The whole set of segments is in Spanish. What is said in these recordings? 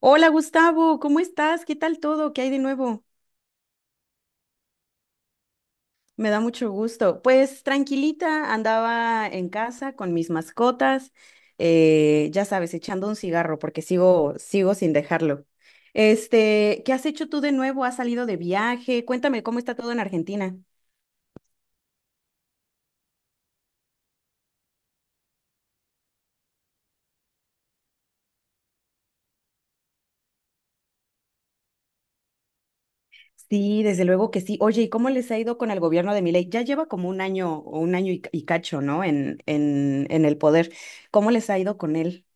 Hola Gustavo, ¿cómo estás? ¿Qué tal todo? ¿Qué hay de nuevo? Me da mucho gusto. Pues tranquilita, andaba en casa con mis mascotas, ya sabes, echando un cigarro porque sigo sin dejarlo. Este, ¿qué has hecho tú de nuevo? ¿Has salido de viaje? Cuéntame cómo está todo en Argentina. Sí, desde luego que sí. Oye, ¿y cómo les ha ido con el gobierno de Milei? Ya lleva como un año o un año y cacho, ¿no? En el poder. ¿Cómo les ha ido con él?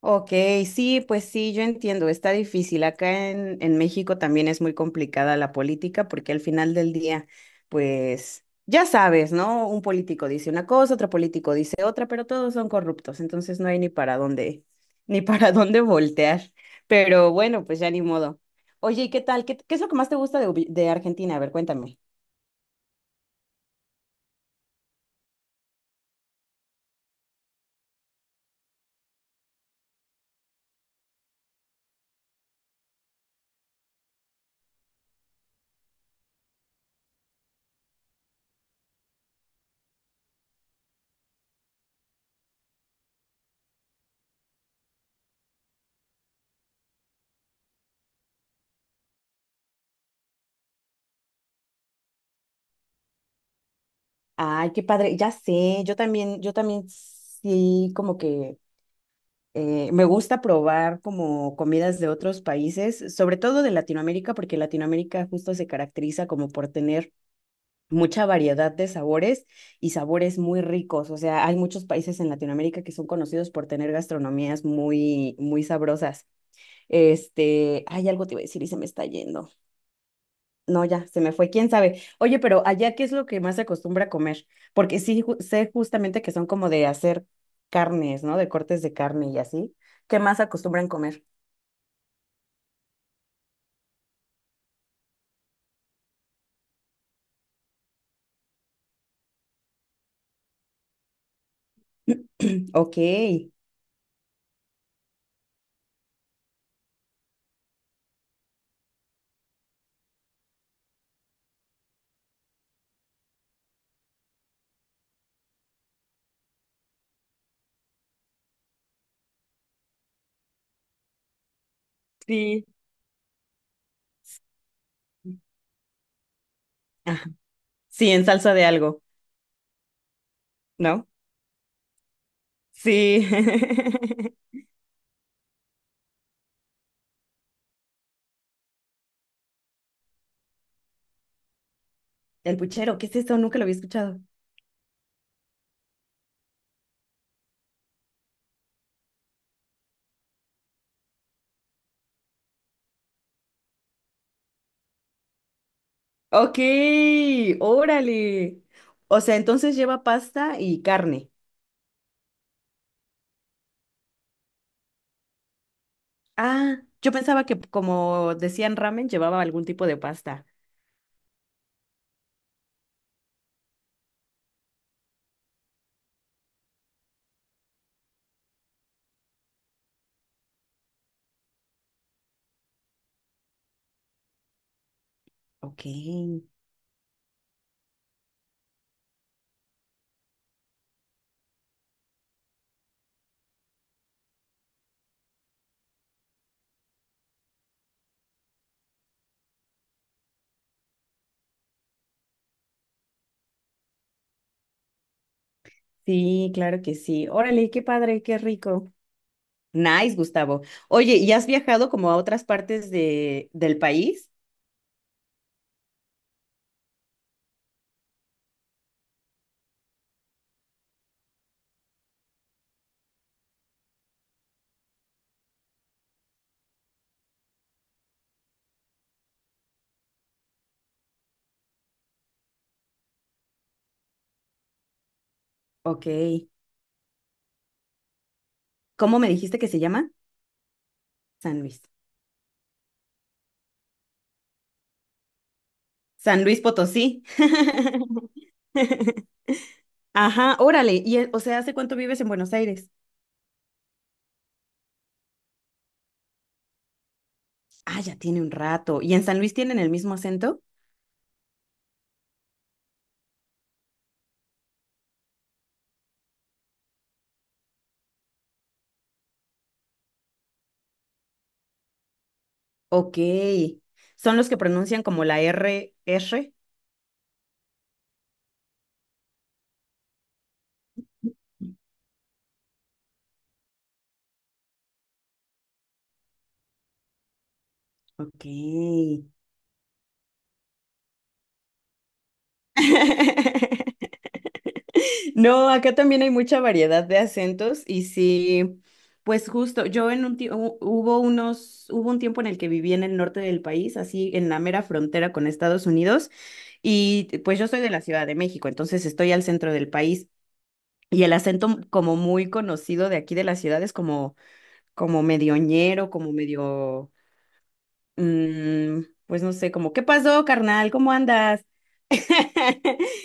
Ok, sí, pues sí, yo entiendo, está difícil. Acá en México también es muy complicada la política porque al final del día, pues ya sabes, ¿no? Un político dice una cosa, otro político dice otra, pero todos son corruptos, entonces no hay ni para dónde, ni para dónde voltear. Pero bueno, pues ya ni modo. Oye, ¿y qué tal? ¿Qué es lo que más te gusta de, de Argentina? A ver, cuéntame. Ay, qué padre, ya sé, yo también sí, como que me gusta probar como comidas de otros países, sobre todo de Latinoamérica, porque Latinoamérica justo se caracteriza como por tener mucha variedad de sabores y sabores muy ricos. O sea, hay muchos países en Latinoamérica que son conocidos por tener gastronomías muy sabrosas. Este, hay algo te iba a decir y se me está yendo. No, ya, se me fue, quién sabe. Oye, pero allá, ¿qué es lo que más se acostumbra a comer? Porque sí, sé justamente que son como de hacer carnes, ¿no? De cortes de carne y así. ¿Qué más acostumbran comer? Ok. Sí. Ah, sí, en salsa de algo, ¿no? Sí. El puchero, ¿qué es esto? Nunca lo había escuchado. Ok, órale. O sea, entonces lleva pasta y carne. Ah, yo pensaba que como decían ramen, llevaba algún tipo de pasta. Ok. Sí, claro que sí. Órale, qué padre, qué rico. Nice, Gustavo. Oye, ¿y has viajado como a otras partes de, del país? Ok. ¿Cómo me dijiste que se llama? San Luis. San Luis Potosí. Ajá, órale. Y, o sea, ¿hace cuánto vives en Buenos Aires? Ah, ya tiene un rato. ¿Y en San Luis tienen el mismo acento? Ok. ¿Son los que pronuncian como la R, R? Ok. No, acá también hay mucha variedad de acentos y sí, pues justo, yo en un tiempo, hubo unos, hubo un tiempo en el que viví en el norte del país, así en la mera frontera con Estados Unidos, y pues yo soy de la Ciudad de México, entonces estoy al centro del país y el acento como muy conocido de aquí de la ciudad es como, como medio ñero, como medio, mm, pues no sé, como, ¿qué pasó, carnal? ¿Cómo andas?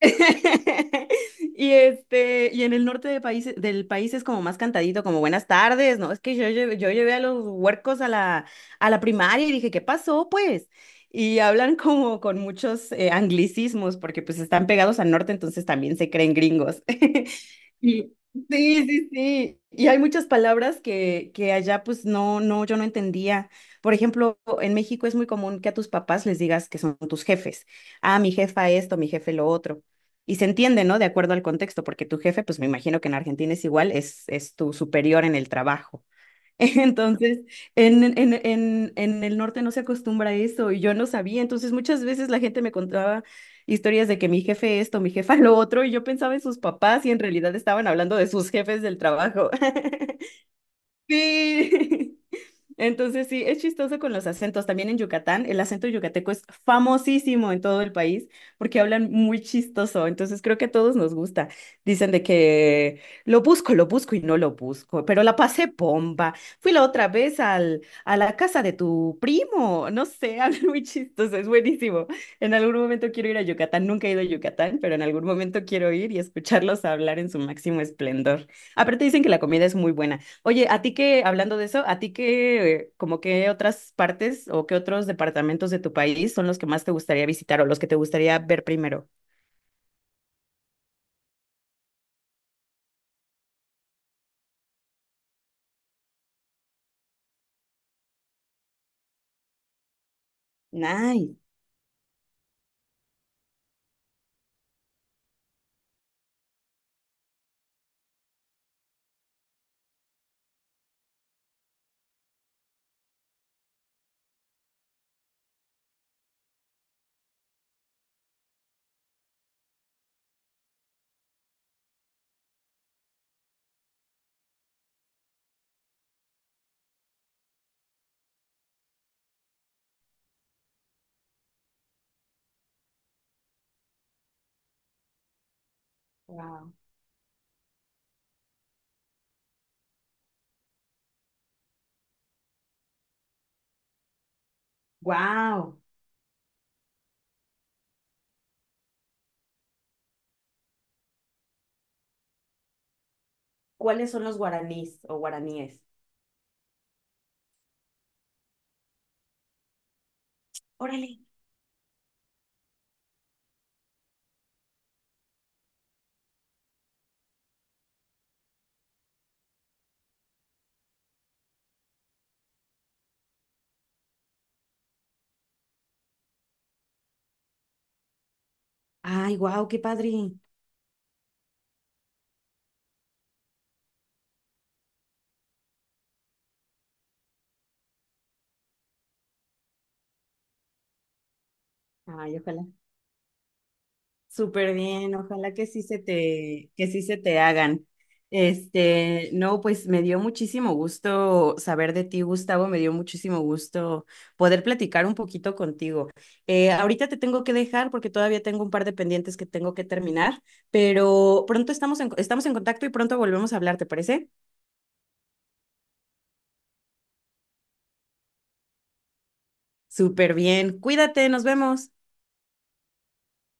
Y este, y en el norte de país, del país es como más cantadito, como buenas tardes, ¿no? Es que yo, yo llevé a los huercos a la primaria y dije, ¿qué pasó, pues? Y hablan como con muchos anglicismos, porque pues están pegados al norte, entonces también se creen gringos. Y, sí, sí, sí. Y hay muchas palabras que allá pues no, no, yo no entendía. Por ejemplo, en México es muy común que a tus papás les digas que son tus jefes. Ah, mi jefa esto, mi jefe lo otro. Y se entiende, ¿no? De acuerdo al contexto, porque tu jefe, pues me imagino que en Argentina es igual, es tu superior en el trabajo. Entonces, en el norte no se acostumbra a eso y yo no sabía. Entonces, muchas veces la gente me contaba historias de que mi jefe esto, mi jefa lo otro, y yo pensaba en sus papás y en realidad estaban hablando de sus jefes del trabajo. Sí. Entonces, sí, es chistoso con los acentos. También en Yucatán, el acento yucateco es famosísimo en todo el país porque hablan muy chistoso. Entonces, creo que a todos nos gusta. Dicen de que lo busco y no lo busco, pero la pasé bomba. Fui la otra vez al, a la casa de tu primo. No sé, hablan muy chistoso, es buenísimo. En algún momento quiero ir a Yucatán. Nunca he ido a Yucatán, pero en algún momento quiero ir y escucharlos hablar en su máximo esplendor. Aparte, dicen que la comida es muy buena. Oye, a ti que, hablando de eso, a ti que, ¿como qué otras partes o qué otros departamentos de tu país son los que más te gustaría visitar o los que te gustaría ver primero? Nice. Wow. Wow. ¿Cuáles son los guaraníes o guaraníes? Órale. Ay, wow, qué padre. Ay, ojalá. Súper bien, ojalá que sí se te, que sí se te hagan. Este, no, pues me dio muchísimo gusto saber de ti, Gustavo, me dio muchísimo gusto poder platicar un poquito contigo. Ahorita te tengo que dejar porque todavía tengo un par de pendientes que tengo que terminar, pero pronto estamos en contacto y pronto volvemos a hablar, ¿te parece? Súper bien, cuídate, nos vemos.